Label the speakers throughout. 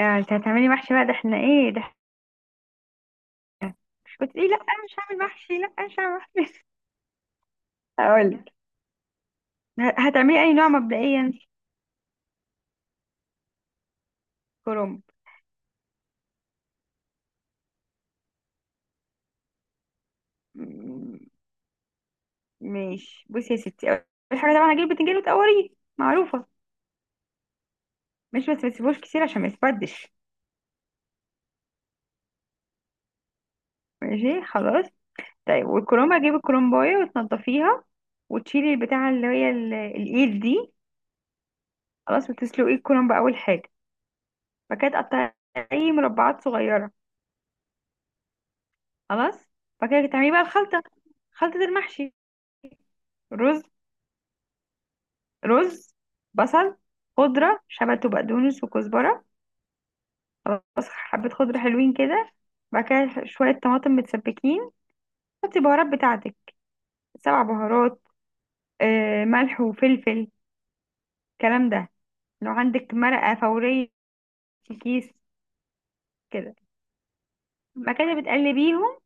Speaker 1: انت هتعملي محشي بقى ده احنا ايه ده؟ قلت ايه؟ لا انا مش هعمل محشي، لا انا مش هعمل محشي. هقولك. هتعملي اي نوع مبدئيا؟ كرنب. م- ماشي، بصي يا ستي، اول حاجه طبعا هجيب البتنجان وتقوريه، معروفه، مش بس ما تسيبوش كتير عشان ما يتبدش. ماشي، خلاص. طيب، والكرنب هجيب الكرنبايه وتنضفيها وتشيلي البتاعه اللي هي الايد دي، خلاص، وتسلقي الكرنب اول حاجه. بعد كده تقطعي مربعات صغيره، خلاص. بعد كده تعملي بقى الخلطه، خلطه المحشي: رز، رز، بصل، خضرة شبت وبقدونس وكزبرة، خلاص، حبة خضرة حلوين كده. بعد كده شوية طماطم متسبكين، حطي بهارات بتاعتك، سبع بهارات، ملح وفلفل، الكلام ده. لو عندك مرقة فورية في كيس كده، بعد كده بتقلبيهم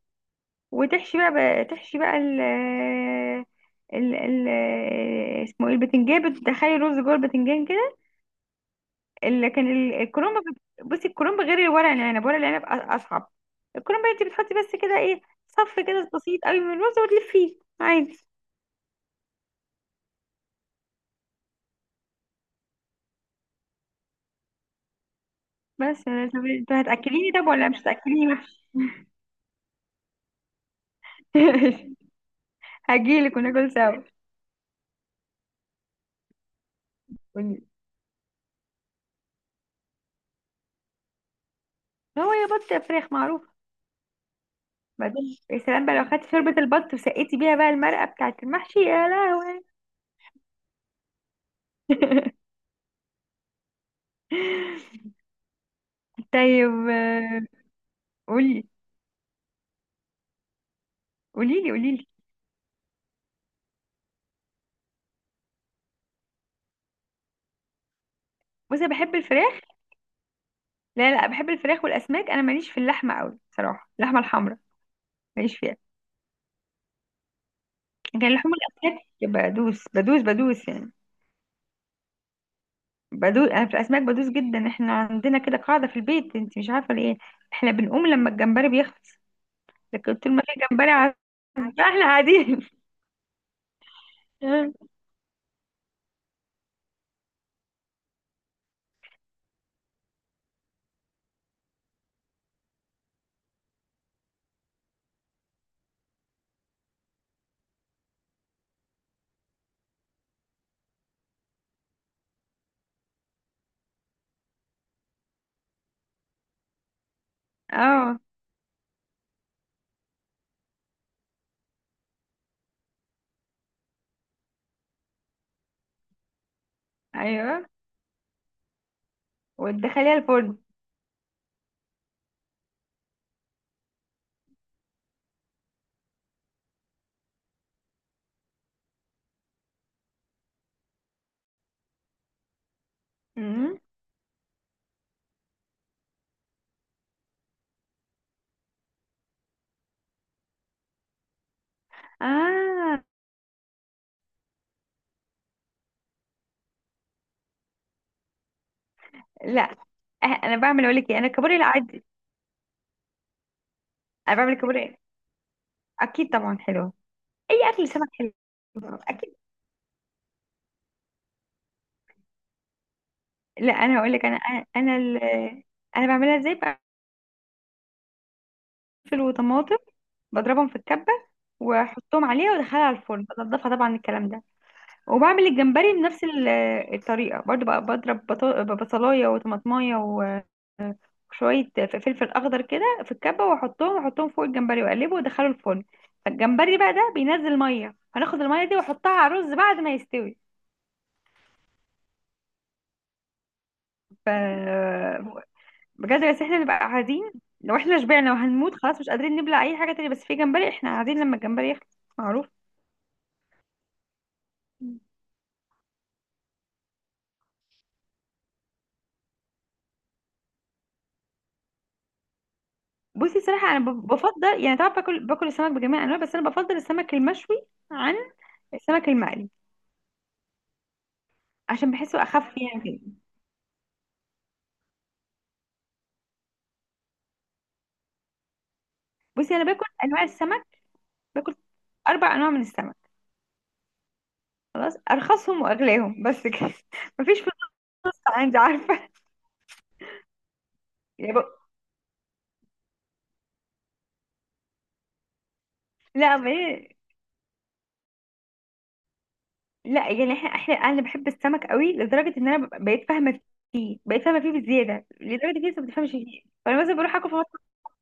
Speaker 1: وتحشي بقى، تحشي بقى ال اسمه ايه، البتنجان، بتدخلي الرز جوه البتنجان كده. لكن الكرنب، بصي، الكرنب غير الورق العنب، ورق العنب اصعب. الكرنب انت بتحطي بس كده ايه، صف كده بسيط قوي من الرز وتلفيه عادي. بس. طب انت هتاكليني طب ولا مش هتاكليني وحش؟ هجيلك وناكل سوا. قولي. هو يا بط يا فراخ معروف. بعدين يا سلام بقى لو خدت شوربة البط وسقيتي بيها بقى المرقة بتاعت المحشي، يا لهوي. طيب، قولي، قوليلي قوليلي. بصي، أنا بحب الفراخ. لا لا، بحب الفراخ والاسماك، انا ماليش في اللحمه قوي بصراحه، اللحمه الحمراء ماليش فيها. لكن لحوم الاسماك بدوس بدوس بدوس يعني، بدوس، انا في الاسماك بدوس جدا. احنا عندنا كده قاعده في البيت انت مش عارفه ليه، احنا بنقوم لما الجمبري بيخلص، لكن طول ما في جمبري احنا قاعدين. اه، ايوه. وتدخليها الفرن. مم. اه، لا. انا بعمل، اقول لك ايه، انا كابوريا العادي، انا بعمل كابوريا، اكيد طبعا حلوه، اي اكل سمك حلو، اكيد. لا انا هقول لك، انا انا بعملها ازاي، بقفل وطماطم، بضربهم في الكبه واحطهم عليها وادخلها على الفرن، بنضفها طبعا الكلام ده. وبعمل الجمبري بنفس الطريقه برضو بقى، بضرب بصلايه وطماطمايه وشويه فلفل اخضر كده في الكبه واحطهم، واحطهم فوق الجمبري واقلبه وادخله الفرن. فالجمبري بقى ده بينزل ميه، هناخد الميه دي واحطها على الرز بعد ما يستوي. ف... بجد. بس احنا نبقى قاعدين، لو احنا شبعنا وهنموت خلاص مش قادرين نبلع اي حاجه تانية، بس في جمبري احنا قاعدين لما الجمبري يخلص، معروف. بصي صراحه انا بفضل يعني، طبعا باكل، باكل السمك بجميع انواعه، بس انا بفضل السمك المشوي عن السمك المقلي، عشان بحسه اخف يعني كده. بصي، انا باكل انواع السمك، باكل 4 انواع من السمك، خلاص، ارخصهم واغلاهم بس كده. مفيش فلوس عندي، عارفه. يعني لا ما هي، لا يعني احنا احنا، انا بحب السمك قوي لدرجه ان انا بقيت فاهمه فيه، بقيت فاهمه فيه بزياده، لدرجه ان انت ما بتفهمش فيه. فانا مثلا بروح اكل في مطعم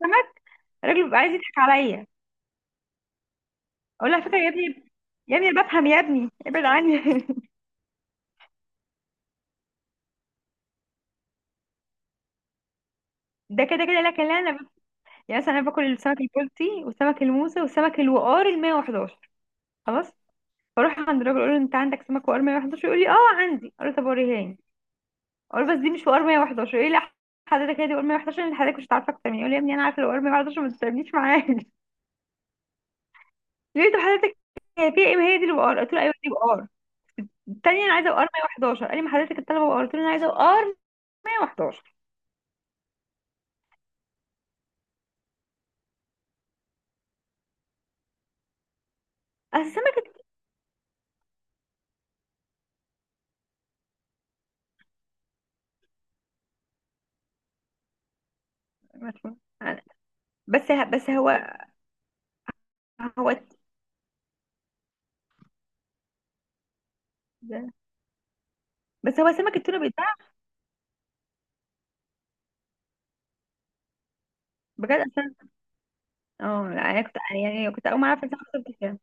Speaker 1: سمك، الراجل بيبقى عايز يضحك عليا، اقول له على فكره يا ابني، يا ابني انا بفهم، يا ابني ابعد عني. ده كده كده. لكن لا انا يعني مثلا انا باكل السمك البلطي والسمك الموسى والسمك الوقار ال 111، خلاص. فاروح عند الراجل اقول له انت عندك سمك وقار 111، يقول لي اه عندي، اقول له طب وريهاني. اقول له بس دي مش وقار 111، يقول لي لا حضرتك هي دي وقار 111، اللي حضرتك مش هتعرف اكتر مني. يقول لي يا ابني انا عارفه الوقار 111، ما تستنيش معايا، لقيته حضرتك هي في ام هي دي اللي بقار، قلت له ايوه دي بقار التانية، انا عايزه بقار 111، قال لي ما حضرتك الطلبه بقار، قلت له انا عايزه بقار 111. اصل السمك مدفون. بس هو بس هو سمك التونه بيتباع بجد اصلا. اه لا انا كنت يعني، كنت اول ما اعرف ان سمك التونة بيتباع،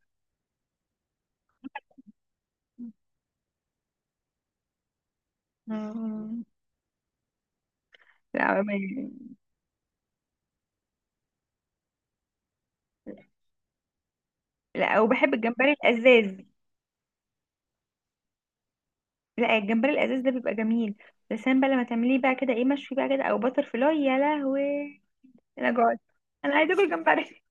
Speaker 1: آه. لا ما- لا، وبحب الجمبري الازاز. لا الجمبري الازاز ده بيبقى جميل، بس انا بقى لما تعمليه بقى كده ايه مشوي بقى كده او بتر فلاي، يا لهوي. انا جوعت، انا عايزه اكل جمبري.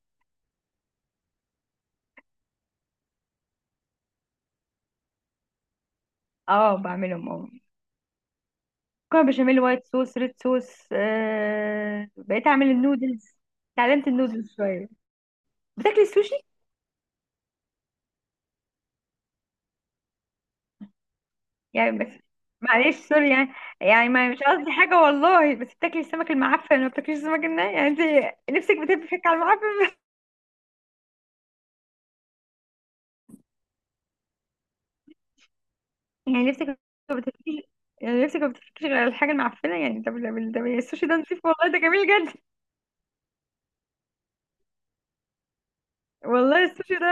Speaker 1: اه بعملهم اه، مكرونه بشاميل وايت صوص ريد صوص، بقيت اعمل النودلز، اتعلمت النودلز شويه. بتاكلي السوشي؟ يعني بس معلش سوري يعني، يعني ما مش قصدي حاجه والله، بس بتاكلي السمك المعفن ما بتاكليش السمك الني يعني؟ انت نفسك بتفكك على المعفن. يعني نفسك ما بتفكيش، يعني نفسك ما بتفكيش غير الحاجه المعفنه يعني؟ طب طب طب، السوشي ده نضيف والله، ده جميل جدا، والله السوشي ده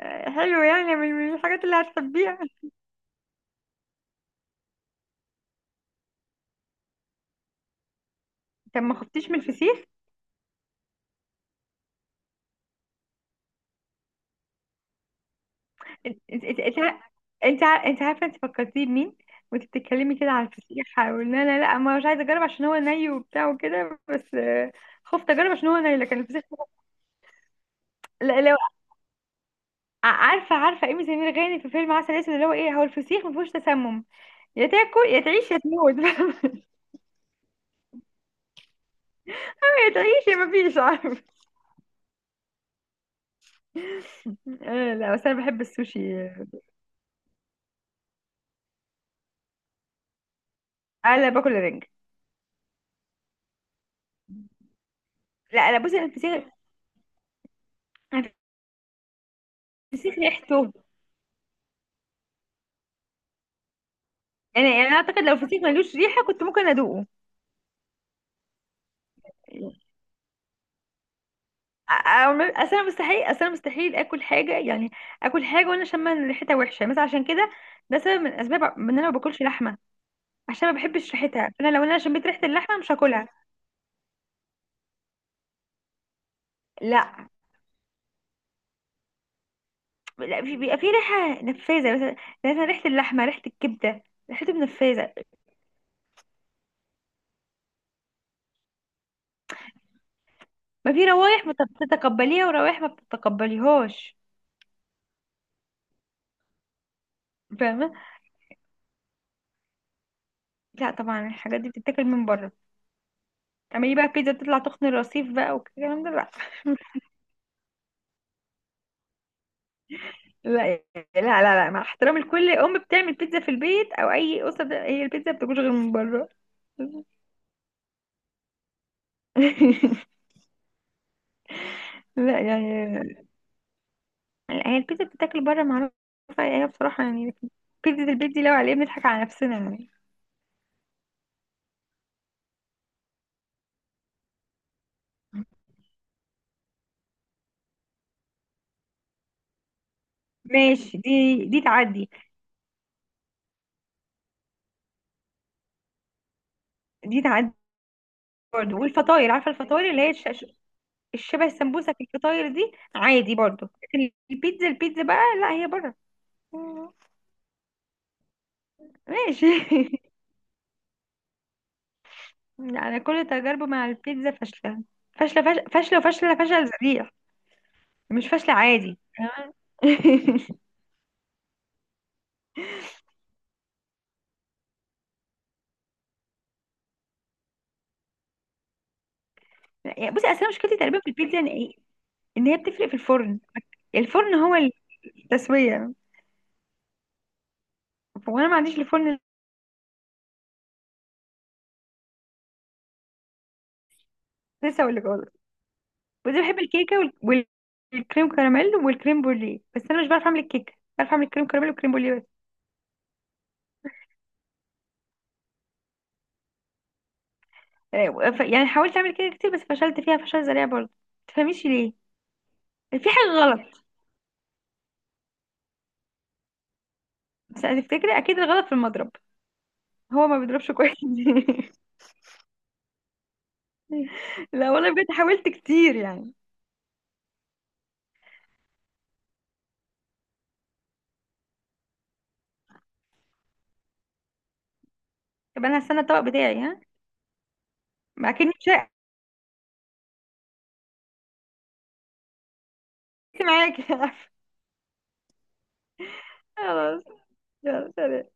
Speaker 1: حلو، يعني من من الحاجات اللي هتحبيها. طب ما خفتيش من الفسيخ؟ انت انت انت انت انت عارفه انت فكرتيه بمين وانت بتتكلمي كده على الفسيخ؟ وان انا لا ما مش عايزه اجرب عشان هو ني وبتاع وكده، بس خفت اجرب عشان هو ني، لكن الفسيخ لا. لو عارفه، عارفه ايمي سمير غانم في فيلم عسل اسود اللي هو ايه، هو الفسيخ ما فيهوش تسمم، يا تاكل يا تعيش يا تموت. يا تعيش يا ما فيش، عارف. لا بس انا بحب السوشي، انا باكل رنج. لا لا بصي، الفسيخ، الفسيخ ريحته، يعني يعني انا اعتقد لو الفسيخ ملوش ريحه كنت ممكن ادوقه. اصل انا مستحيل، اصل انا مستحيل اكل حاجه يعني، اكل حاجه وانا شامه إن ريحتها وحشه مثلا، عشان كده ده سبب من اسباب ان انا ما باكلش لحمه، عشان ما بحبش ريحتها. انا لو انا شميت ريحه اللحمه مش هاكلها. لا لا، في بيبقى في ريحه نفاذه مثلا، يعني مثلا ريحه اللحمه، ريحه الكبده، ريحته نفاذه. ما في روايح ما بتتقبليها وروائح ما بتتقبليهاش، فاهمه. لا طبعا الحاجات دي بتتاكل من بره، تعملي بقى بيتزا تطلع تخن الرصيف بقى والكلام ده؟ لا لا لا لا لا، مع احترامي لكل ام بتعمل بيتزا في البيت او اي اسره هي البيتزا ما بتاكلش غير من بره. لا يعني، لا، هي البيتزا بتتاكل بره معروفه، يعني هي بصراحه يعني بيتزا البيت دي لو عليها بنضحك على نفسنا يعني. ماشي، دي تعدي، دي تعدي. برضه والفطاير، عارفه الفطاير اللي هي الشبه السمبوسه، في الفطاير دي عادي برضه. لكن البيتزا، البيتزا بقى لا، هي بره. ماشي. انا كل تجاربي مع البيتزا فاشله، فاشله، فاشله وفاشله فشل ذريع، مش فاشله عادي، تمام. يعني بصي اصل أنا مشكلتي تقريبا في البيتزا ان إيه؟ إن هي بتفرق في الفرن، الفرن هو التسويه، وانا ما عنديش الفرن. لسه اقول لك خالص، بس بحب الكيكه وال- وال- والكريم كراميل والكريم بوليه، بس انا مش بعرف اعمل الكيكه، بعرف اعمل الكريم كراميل والكريم بوليه بس. يعني حاولت اعمل كيكه كتير بس فشلت فيها فشل ذريع برضه، ما تفهميش ليه، في حاجه غلط. بس هتفتكري اكيد الغلط في المضرب، هو ما بيضربش كويس. لا والله بجد حاولت كتير يعني. طب انا هستنى الطبق بتاعي، ها، ما اكني مش معاكي. خلاص، يلا سلام.